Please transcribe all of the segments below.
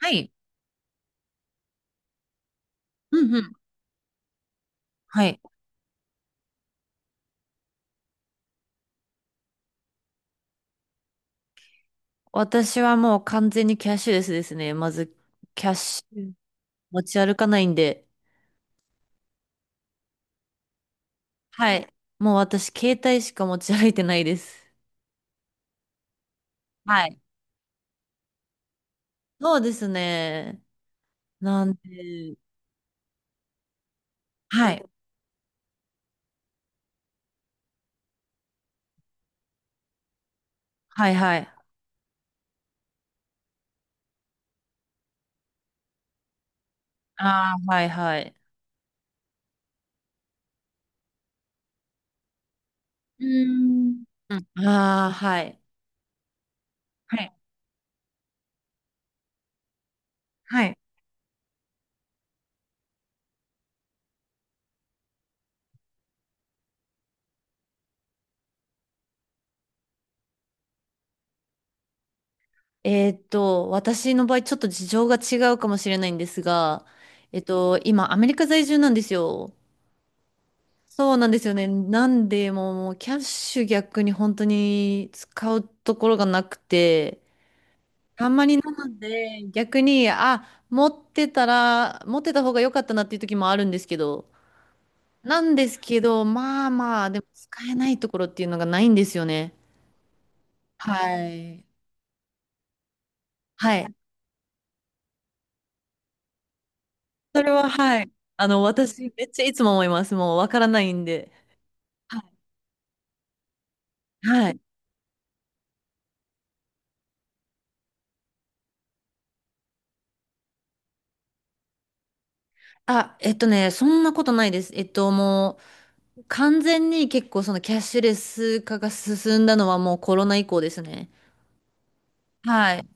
はい。うんうん。はい。私はもう完全にキャッシュレスですね。まず、キャッシュ持ち歩かないんで。はい。もう私、携帯しか持ち歩いてないです。はい。そうですね。なんで、はい。はいはい。ああ、はいはい。うーん。うん。ああ、はい。はい。はい。私の場合、ちょっと事情が違うかもしれないんですが、今、アメリカ在住なんですよ。そうなんですよね。なんで、もうキャッシュ逆に本当に使うところがなくて、あんまりなので、逆に、あ、持ってた方が良かったなっていう時もあるんですけど、なんですけど、まあまあ、でも使えないところっていうのがないんですよね。はい。はい。それは、はい。私、めっちゃいつも思います。もう、わからないんで。はい。はい。あ、そんなことないです。もう、完全に結構そのキャッシュレス化が進んだのはもうコロナ以降ですね。はい。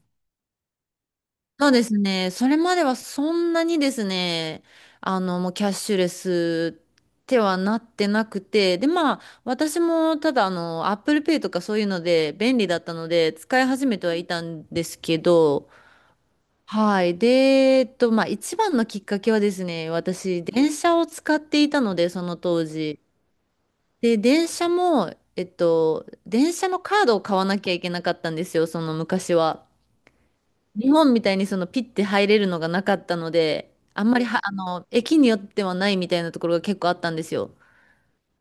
そうですね。それまではそんなにですね、もうキャッシュレスってはなってなくて、で、まあ、私もただApple Pay とかそういうので便利だったので、使い始めてはいたんですけど、はい。で、まあ、一番のきっかけはですね、私、電車を使っていたので、その当時。で、電車も、電車のカードを買わなきゃいけなかったんですよ、その昔は。日本みたいにそのピッて入れるのがなかったので、あんまりは、駅によってはないみたいなところが結構あったんですよ。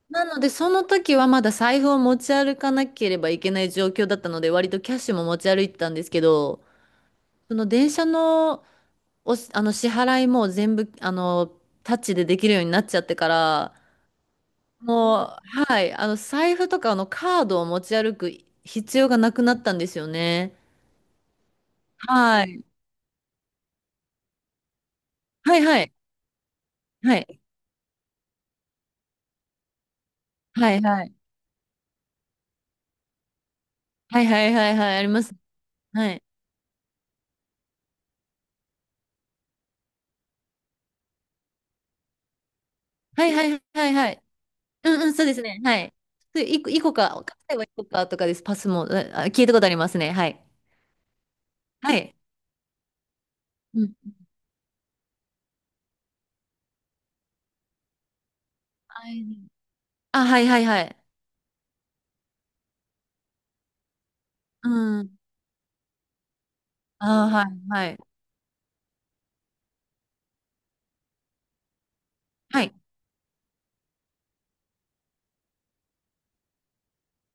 なので、その時はまだ財布を持ち歩かなければいけない状況だったので、割とキャッシュも持ち歩いてたんですけど、その電車のお、あの支払いも全部、タッチでできるようになっちゃってから、もう、はい、財布とかのカードを持ち歩く必要がなくなったんですよね。はい。はいはい。はい。はいはい。はいはいはいはい。あります。はい。はいはいはいはい。うんうん、そうですね。はい。で、いこか、買えばいこかとかです。パスも、あ聞いたことありますね。はい。はい。うん。はいあ、はいはいはい。うん。あ、はいはい。はい。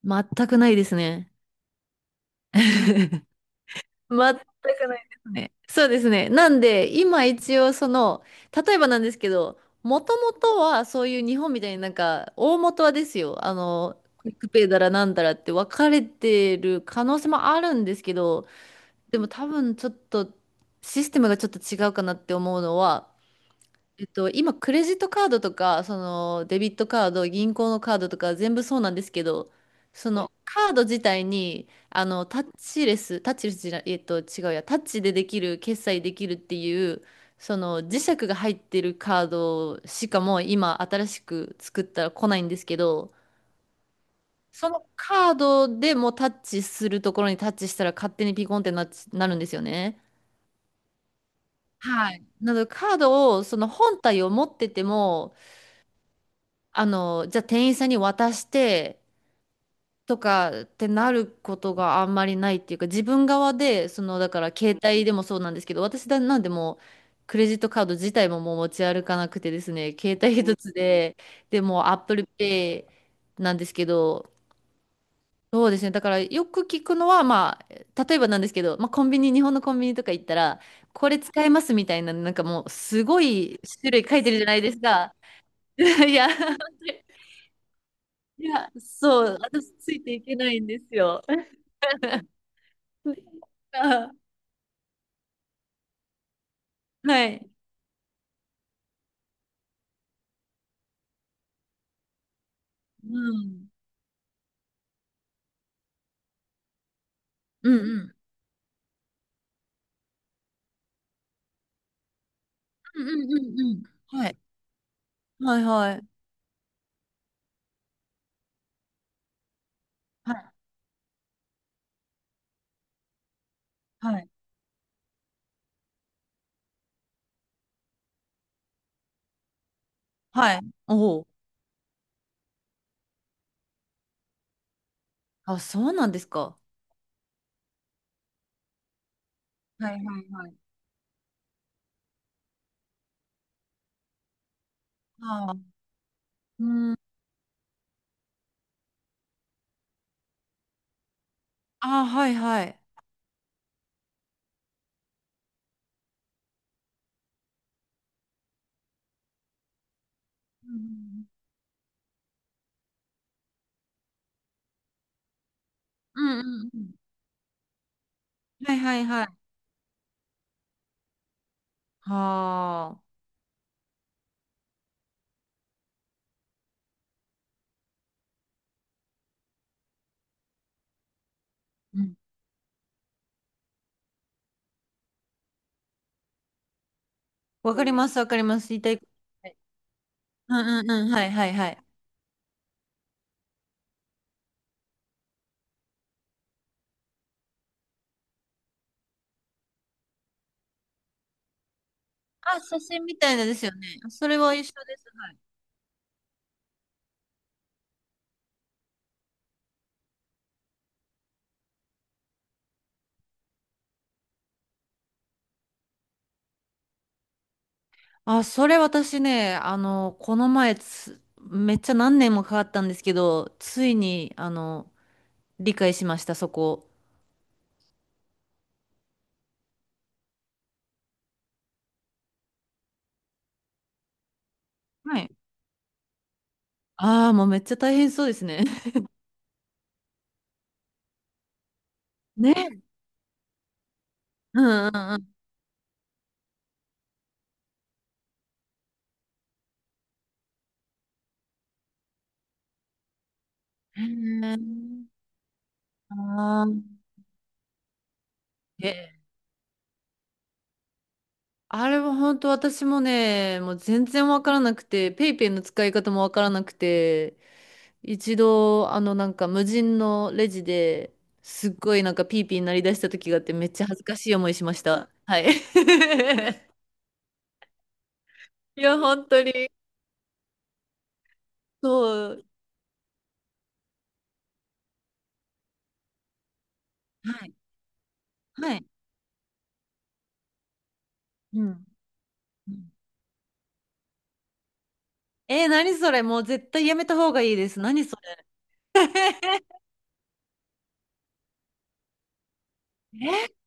全くないですね。全くないですね。そうですね。なんで、今一応その、例えばなんですけど、もともとはそういう日本みたいになんか、大元はですよ、クイックペイだらなんだらって分かれてる可能性もあるんですけど、でも多分ちょっとシステムがちょっと違うかなって思うのは、今、クレジットカードとか、その、デビットカード、銀行のカードとか、全部そうなんですけど、その、カード自体に、タッチレス、タッチレスじゃない、違うや、タッチでできる、決済できるっていう、その、磁石が入ってるカードしかもう今、新しく作ったら来ないんですけど、そのカードでもタッチするところにタッチしたら勝手にピコンってなっち、なるんですよね。はい。なのでカードをその本体を持っててもじゃあ店員さんに渡してとかってなることがあんまりないっていうか、自分側で、その、だから携帯でもそうなんですけど、なんでもうクレジットカード自体ももう持ち歩かなくてですね、携帯一つで、でもう Apple Pay なんですけど、そうですね。だからよく聞くのは、まあ、例えばなんですけど、まあ、コンビニ、日本のコンビニとか行ったら、これ使えますみたいな、なんかもう、すごい種類書いてるじゃないですか。いや、いや、そう、私ついていけないんですよ。あ、はい。うん。うんうん。うんうんうんうん。はい。はいはい。はい。はい。はい。おお。あ、そうなんですか。はいはいはい。ああ、うん。ああ、はいはい。うんうんうんうん。はいはいはい。はあ。うん。わかりますわかります。言いたいこと。はいうんうんうん。はいはいはい。あ、写真みたいなですよね。それは一緒です。あ、それ私ね、この前めっちゃ何年もかかったんですけど、ついに、理解しました、そこ。はい。ああ、もうめっちゃ大変そうですね。ね。うんうんうん。ああーえ、あれは本当私もね、もう全然わからなくて、ペイペイの使い方もわからなくて、一度、なんか無人のレジですっごいなんかピーピーになりだした時があってめっちゃ恥ずかしい思いしました。はい。いや、本当に。そう。はい。はい。うん。うんえー、何それもう絶対やめた方がいいです。何それ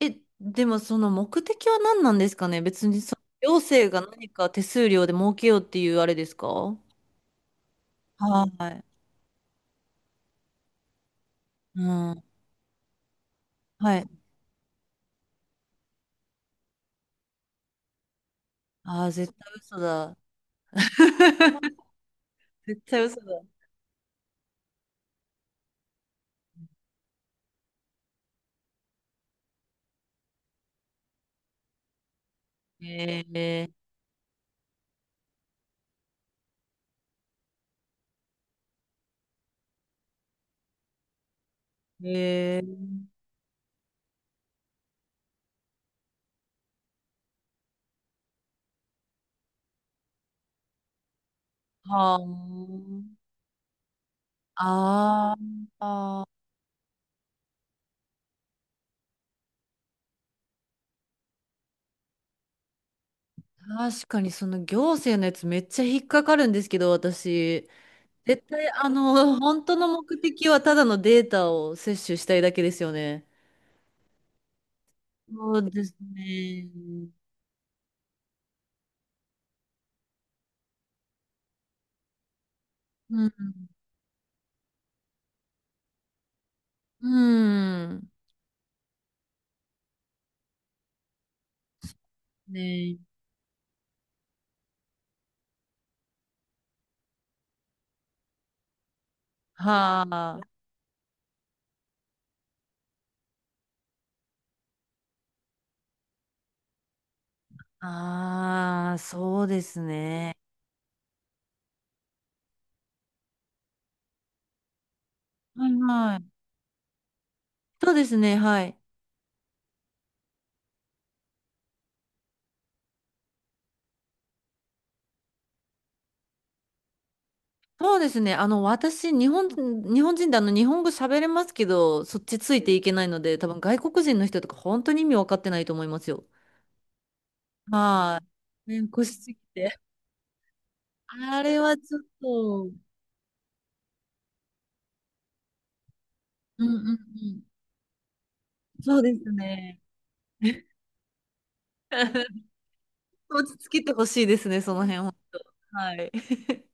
え、え、でもその目的は何なんですかね別に行政が何か手数料で儲けようっていうあれですかはい。うん。はい。ああ、絶対嘘だ。絶対嘘だ。へえ、へえ、はああ、あ確かにその行政のやつめっちゃ引っかかるんですけど、私、絶対本当の目的はただのデータを摂取したいだけですよね。そうですね。うん、うん、ね、はあ、ああ、そうですね。はいはい。そうですね、はい。そうですね。私、日本人で日本語喋れますけど、そっちついていけないので、多分外国人の人とか本当に意味分かってないと思いますよ。はい。ね、腰すぎて。あれはちょっと、うんうんうん。そうですね。落ち着けてほしいですね、その辺は。はい。